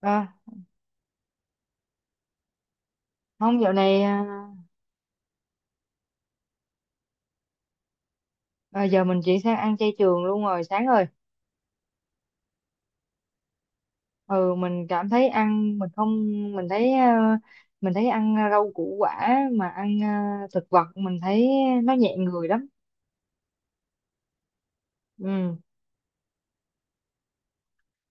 Ờ, không, dạo này giờ mình chuyển sang ăn chay trường luôn rồi sáng rồi. Ừ mình cảm thấy ăn mình không, mình thấy mình thấy ăn rau củ quả, mà ăn thực vật mình thấy nó nhẹ người lắm. ừ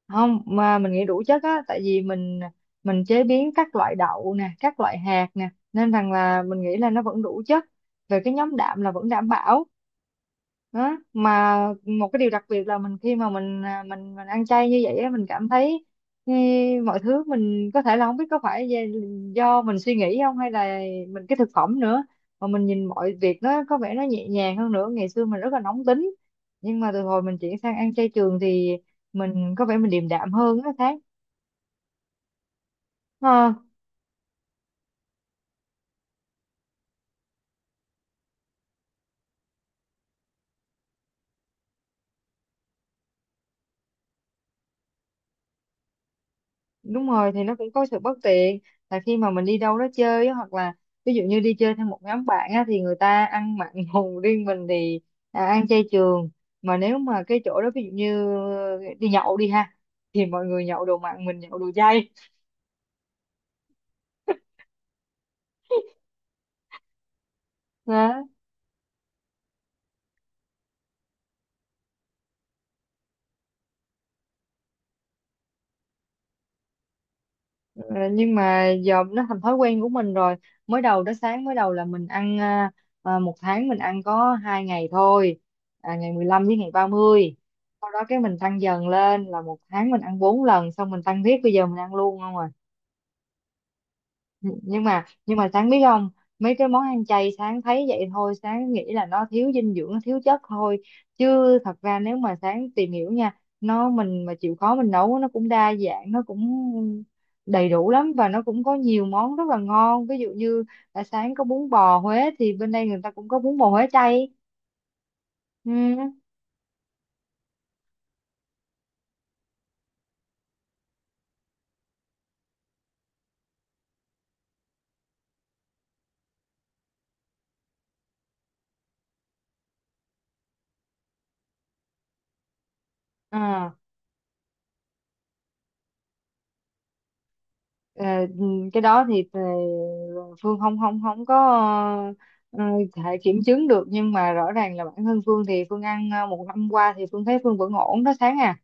Không, mà mình nghĩ đủ chất á, tại vì mình chế biến các loại đậu nè, các loại hạt nè, nên rằng là mình nghĩ là nó vẫn đủ chất về cái nhóm đạm, là vẫn đảm bảo đó mà. Một cái điều đặc biệt là mình, khi mà mình mình ăn chay như vậy á, mình cảm thấy ừ, mọi thứ mình có thể là không biết có phải do mình suy nghĩ không, hay là mình cái thực phẩm nữa, mà mình nhìn mọi việc nó có vẻ nó nhẹ nhàng hơn. Nữa ngày xưa mình rất là nóng tính, nhưng mà từ hồi mình chuyển sang ăn chay trường thì mình có vẻ mình điềm đạm hơn á Thái. Ờ, Đúng rồi, thì nó cũng có sự bất tiện là khi mà mình đi đâu đó chơi á, hoặc là ví dụ như đi chơi theo một nhóm bạn á, thì người ta ăn mặn hùng, riêng mình thì ăn chay trường, mà nếu mà cái chỗ đó ví dụ như đi nhậu đi ha, thì mọi người nhậu đồ mặn, mình nhậu đồ chay. Ờ, nhưng mà giờ nó thành thói quen của mình rồi. Mới đầu đó sáng, mới đầu là mình ăn một tháng mình ăn có hai ngày thôi, ngày 15 với ngày 30. Sau đó cái mình tăng dần lên là một tháng mình ăn bốn lần, xong mình tăng tiếp, bây giờ mình ăn luôn không à? Nhưng mà sáng biết không, mấy cái món ăn chay sáng thấy vậy thôi, sáng nghĩ là nó thiếu dinh dưỡng nó thiếu chất thôi, chứ thật ra nếu mà sáng tìm hiểu nha, nó mình mà chịu khó mình nấu, nó cũng đa dạng, nó cũng đầy đủ lắm, và nó cũng có nhiều món rất là ngon. Ví dụ như sáng có bún bò Huế thì bên đây người ta cũng có bún bò Huế chay. Ừ. À. Ờ, ừ, cái đó thì Phương không không không có ờ, thể kiểm chứng được, nhưng mà rõ ràng là bản thân Phương thì Phương ăn một năm qua thì Phương thấy Phương vẫn ổn đó sáng à.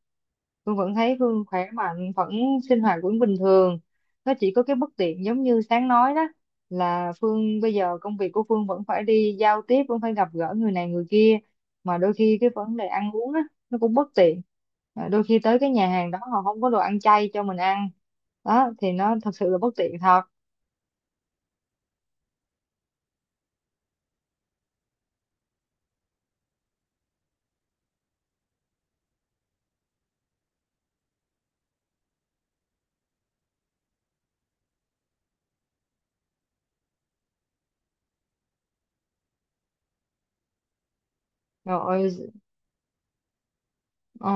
Hương vẫn thấy Hương khỏe mạnh, vẫn sinh hoạt vẫn bình thường. Nó chỉ có cái bất tiện giống như sáng nói đó, là Phương bây giờ công việc của Phương vẫn phải đi giao tiếp, vẫn phải gặp gỡ người này người kia, mà đôi khi cái vấn đề ăn uống á, nó cũng bất tiện. Đôi khi tới cái nhà hàng đó họ không có đồ ăn chay cho mình ăn, đó thì nó thật sự là bất tiện thật. Rồi. ờ,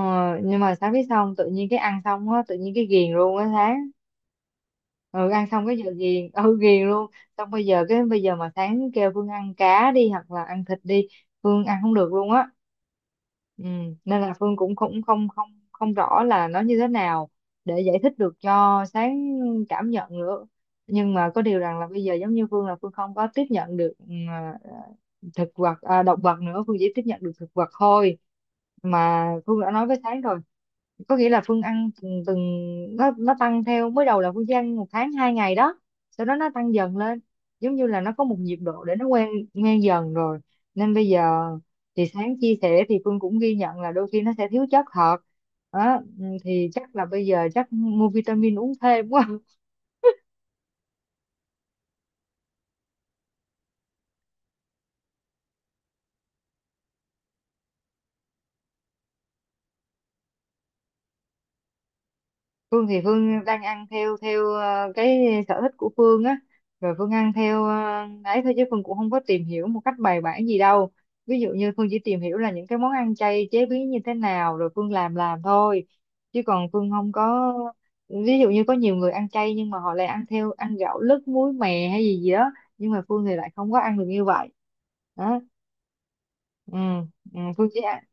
nhưng mà sáng biết, xong tự nhiên cái ăn xong á, tự nhiên cái ghiền luôn á sáng. Ừ, ăn xong cái giờ ghiền, ừ, ghiền luôn. Xong bây giờ, cái bây giờ mà sáng kêu Phương ăn cá đi hoặc là ăn thịt đi, Phương ăn không được luôn á. Ừ. Nên là Phương cũng cũng không không không rõ là nó như thế nào để giải thích được cho sáng cảm nhận nữa. Nhưng mà có điều rằng là bây giờ giống như Phương là Phương không có tiếp nhận được thực vật động vật nữa, Phương chỉ tiếp nhận được thực vật thôi, mà Phương đã nói với sáng rồi. Có nghĩa là Phương ăn từng, từng, nó tăng theo. Mới đầu là Phương chỉ ăn một tháng hai ngày đó, sau đó nó tăng dần lên, giống như là nó có một nhịp độ để nó quen, quen dần rồi nên bây giờ. Thì sáng chia sẻ thì Phương cũng ghi nhận là đôi khi nó sẽ thiếu chất thật đó. Ừ, thì chắc là bây giờ chắc mua vitamin uống thêm quá. Phương thì Phương đang ăn theo theo cái sở thích của Phương á, rồi Phương ăn theo ấy thôi, chứ Phương cũng không có tìm hiểu một cách bài bản gì đâu. Ví dụ như Phương chỉ tìm hiểu là những cái món ăn chay chế biến như thế nào rồi Phương làm thôi, chứ còn Phương không có. Ví dụ như có nhiều người ăn chay nhưng mà họ lại ăn theo, ăn gạo lứt muối mè hay gì gì đó, nhưng mà Phương thì lại không có ăn được như vậy đó. Ừ, ừ, Phương chỉ ăn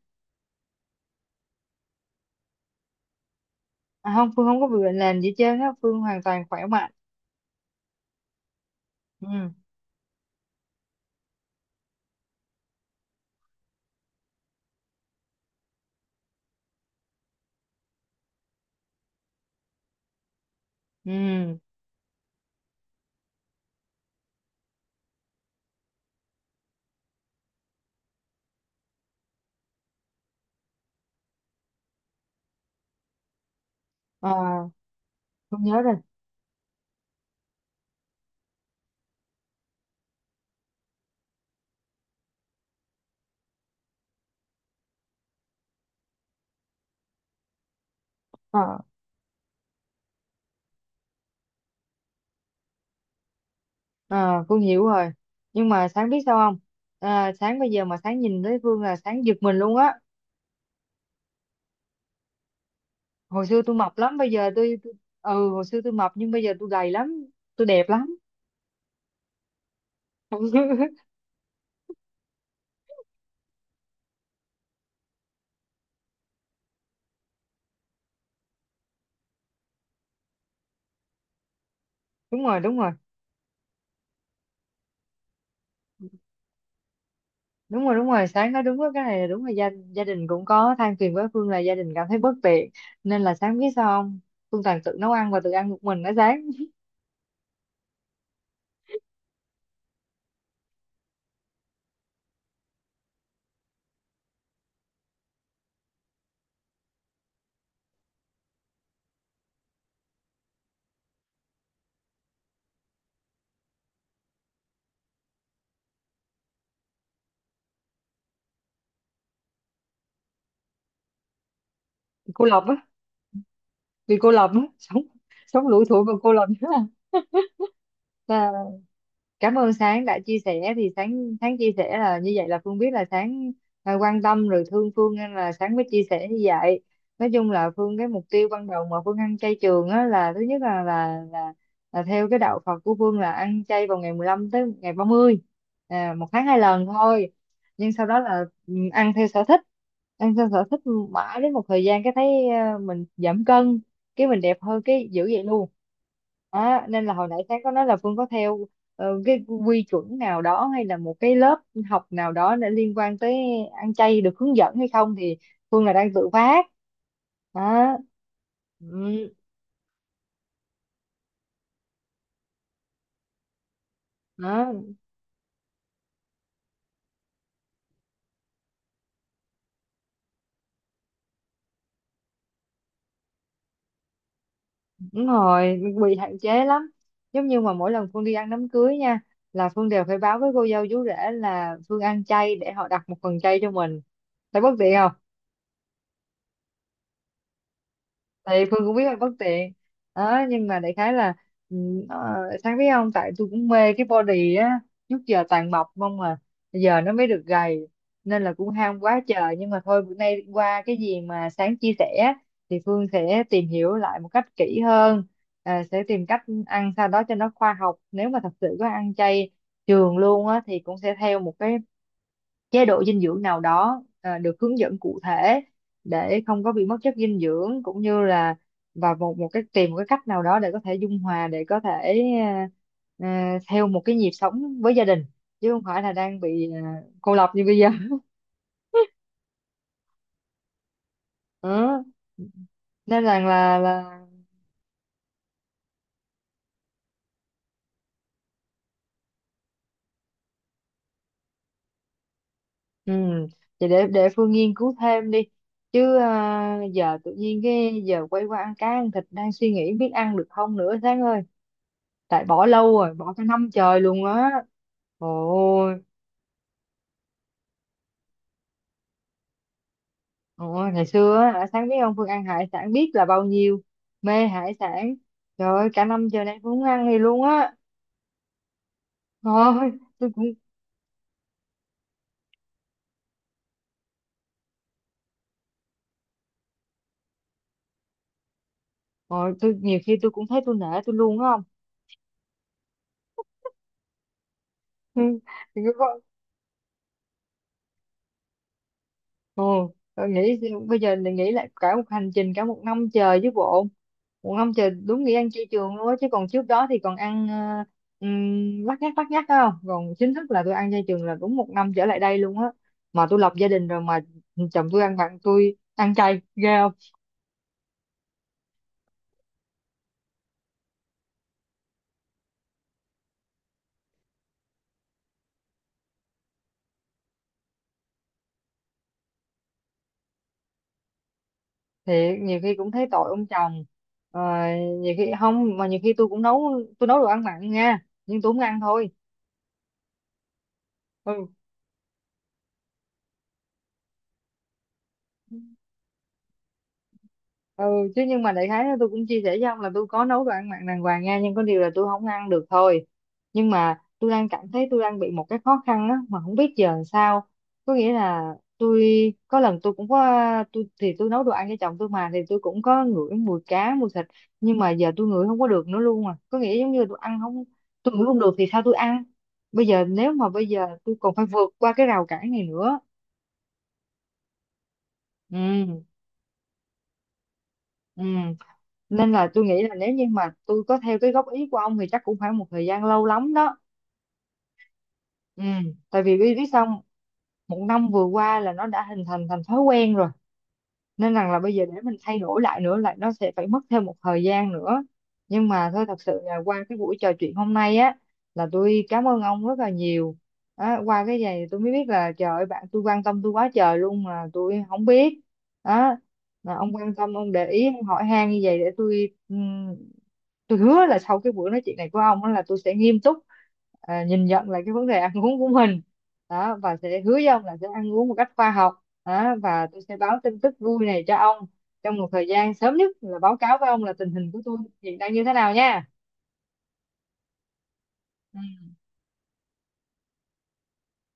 không, Phương không có bị bệnh nền gì hết trơn á, Phương hoàn toàn khỏe mạnh. Ừ, ừ. Ờ. Con nhớ rồi. ờ ờ, con hiểu rồi. Nhưng mà sáng biết sao không, sáng bây giờ mà sáng nhìn thấy Phương là sáng giật mình luôn á. Hồi xưa tôi mập lắm, bây giờ tôi. Ừ, hồi xưa tôi mập, nhưng bây giờ tôi gầy lắm, tôi đẹp lắm. Đúng rồi, đúng rồi. Đúng rồi, đúng rồi, sáng nói đúng đó, cái này là đúng, là gia đình cũng có than phiền với Phương là gia đình cảm thấy bất tiện, nên là sáng biết sao không, Phương toàn tự nấu ăn và tự ăn một mình ở sáng. Cô lập á, vì cô lập á. Sống, sống lủi thủi và cô lập á. Cảm ơn Sáng đã chia sẻ, thì Sáng Sáng chia sẻ là như vậy, là Phương biết là Sáng quan tâm rồi thương Phương nên là Sáng mới chia sẻ như vậy. Nói chung là Phương, cái mục tiêu ban đầu mà Phương ăn chay trường á, là thứ nhất là theo cái đạo Phật của Phương là ăn chay vào ngày 15 tới ngày 30, một tháng hai lần thôi. Nhưng sau đó là ăn theo sở thích, ăn theo sở thích mãi đến một thời gian cái thấy mình giảm cân, cái mình đẹp hơn, cái giữ vậy luôn. Đó, nên là hồi nãy sáng có nói là Phương có theo cái quy chuẩn nào đó, hay là một cái lớp học nào đó để liên quan tới ăn chay, được hướng dẫn hay không, thì Phương là đang tự phát đó. Ừ, đó. Đúng rồi, bị hạn chế lắm. Giống như mà mỗi lần Phương đi ăn đám cưới nha, là Phương đều phải báo với cô dâu chú rể là Phương ăn chay để họ đặt một phần chay cho mình. Thấy bất tiện, thì Phương cũng biết là bất tiện đó. Nhưng mà đại khái là ừ, ờ, sáng biết không, tại tôi cũng mê cái body á, trước giờ toàn mập không mà, giờ nó mới được gầy, nên là cũng ham quá trời. Nhưng mà thôi, bữa nay qua cái gì mà sáng chia sẻ thì Phương sẽ tìm hiểu lại một cách kỹ hơn, sẽ tìm cách ăn sao đó cho nó khoa học. Nếu mà thật sự có ăn chay trường luôn á, thì cũng sẽ theo một cái chế độ dinh dưỡng nào đó được hướng dẫn cụ thể để không có bị mất chất dinh dưỡng, cũng như là và một một cái tìm một cái cách nào đó để có thể dung hòa, để có thể theo một cái nhịp sống với gia đình, chứ không phải là đang bị cô lập như bây giờ. Ừ. Nên rằng là ừ. Vậy để Phương nghiên cứu thêm đi chứ, giờ tự nhiên cái giờ quay qua ăn cá ăn thịt, đang suy nghĩ biết ăn được không nữa Sáng ơi. Tại bỏ lâu rồi, bỏ cả năm trời luôn á, ôi. Ôi, ngày xưa á hả, sáng biết ông, Phương ăn hải sản biết là bao nhiêu, mê hải sản. Trời ơi, cả năm trời nay Phương không ăn gì luôn á. Thôi, tôi cũng. Rồi, tôi nhiều khi tôi cũng thấy tôi nể tôi luôn á, không. Ồ, tôi nghĩ, bây giờ mình nghĩ lại cả một hành trình, cả một năm trời chứ bộ. Một năm trời đúng nghĩa ăn chay trường luôn á, chứ còn trước đó thì còn ăn lắt nhắt, lắt nhắt đó. Không, còn chính thức là tôi ăn chay trường là đúng một năm trở lại đây luôn á, mà tôi lập gia đình rồi mà, chồng tôi ăn, bạn tôi ăn chay ghê không. Thì nhiều khi cũng thấy tội ông chồng. Ờ, Nhiều khi không, mà nhiều khi tôi cũng nấu, tôi nấu đồ ăn mặn nha, nhưng tôi không ăn thôi. Ừ, ừ. Chứ nhưng mà đại khái là tôi cũng chia sẻ với ông là tôi có nấu đồ ăn mặn đàng hoàng nha, nhưng có điều là tôi không ăn được thôi. Nhưng mà tôi đang cảm thấy tôi đang bị một cái khó khăn á mà không biết giờ làm sao. Có nghĩa là tôi có lần tôi cũng có, tôi thì tôi nấu đồ ăn cho chồng tôi mà, thì tôi cũng có ngửi mùi cá mùi thịt, nhưng mà giờ tôi ngửi không có được nữa luôn. À, có nghĩa giống như tôi ăn không, tôi ngửi không được thì sao tôi ăn. Bây giờ nếu mà bây giờ tôi còn phải vượt qua cái rào cản này nữa. Ừ, ừ. Nên là tôi nghĩ là nếu như mà tôi có theo cái góp ý của ông thì chắc cũng phải một thời gian lâu lắm đó. Ừ, tại vì biết biết sao không? Một năm vừa qua là nó đã hình thành thành thói quen rồi, nên rằng là bây giờ để mình thay đổi lại nữa lại, nó sẽ phải mất thêm một thời gian nữa. Nhưng mà thôi, thật sự là qua cái buổi trò chuyện hôm nay á, là tôi cảm ơn ông rất là nhiều. Á, qua cái này tôi mới biết là trời ơi bạn tôi quan tâm tôi quá trời luôn mà tôi không biết đó. Mà ông quan tâm, ông để ý, ông hỏi han như vậy để tôi hứa là sau cái buổi nói chuyện này của ông á, là tôi sẽ nghiêm túc nhìn nhận lại cái vấn đề ăn uống của mình đó, và sẽ hứa với ông là sẽ ăn uống một cách khoa học đó. Và tôi sẽ báo tin tức vui này cho ông trong một thời gian sớm nhất, là báo cáo với ông là tình hình của tôi hiện đang như thế nào nha. Ừ,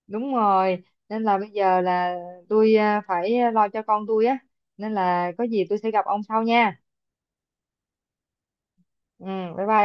đúng rồi, nên là bây giờ là tôi phải lo cho con tôi á, nên là có gì tôi sẽ gặp ông sau nha. Ừ, bye bye.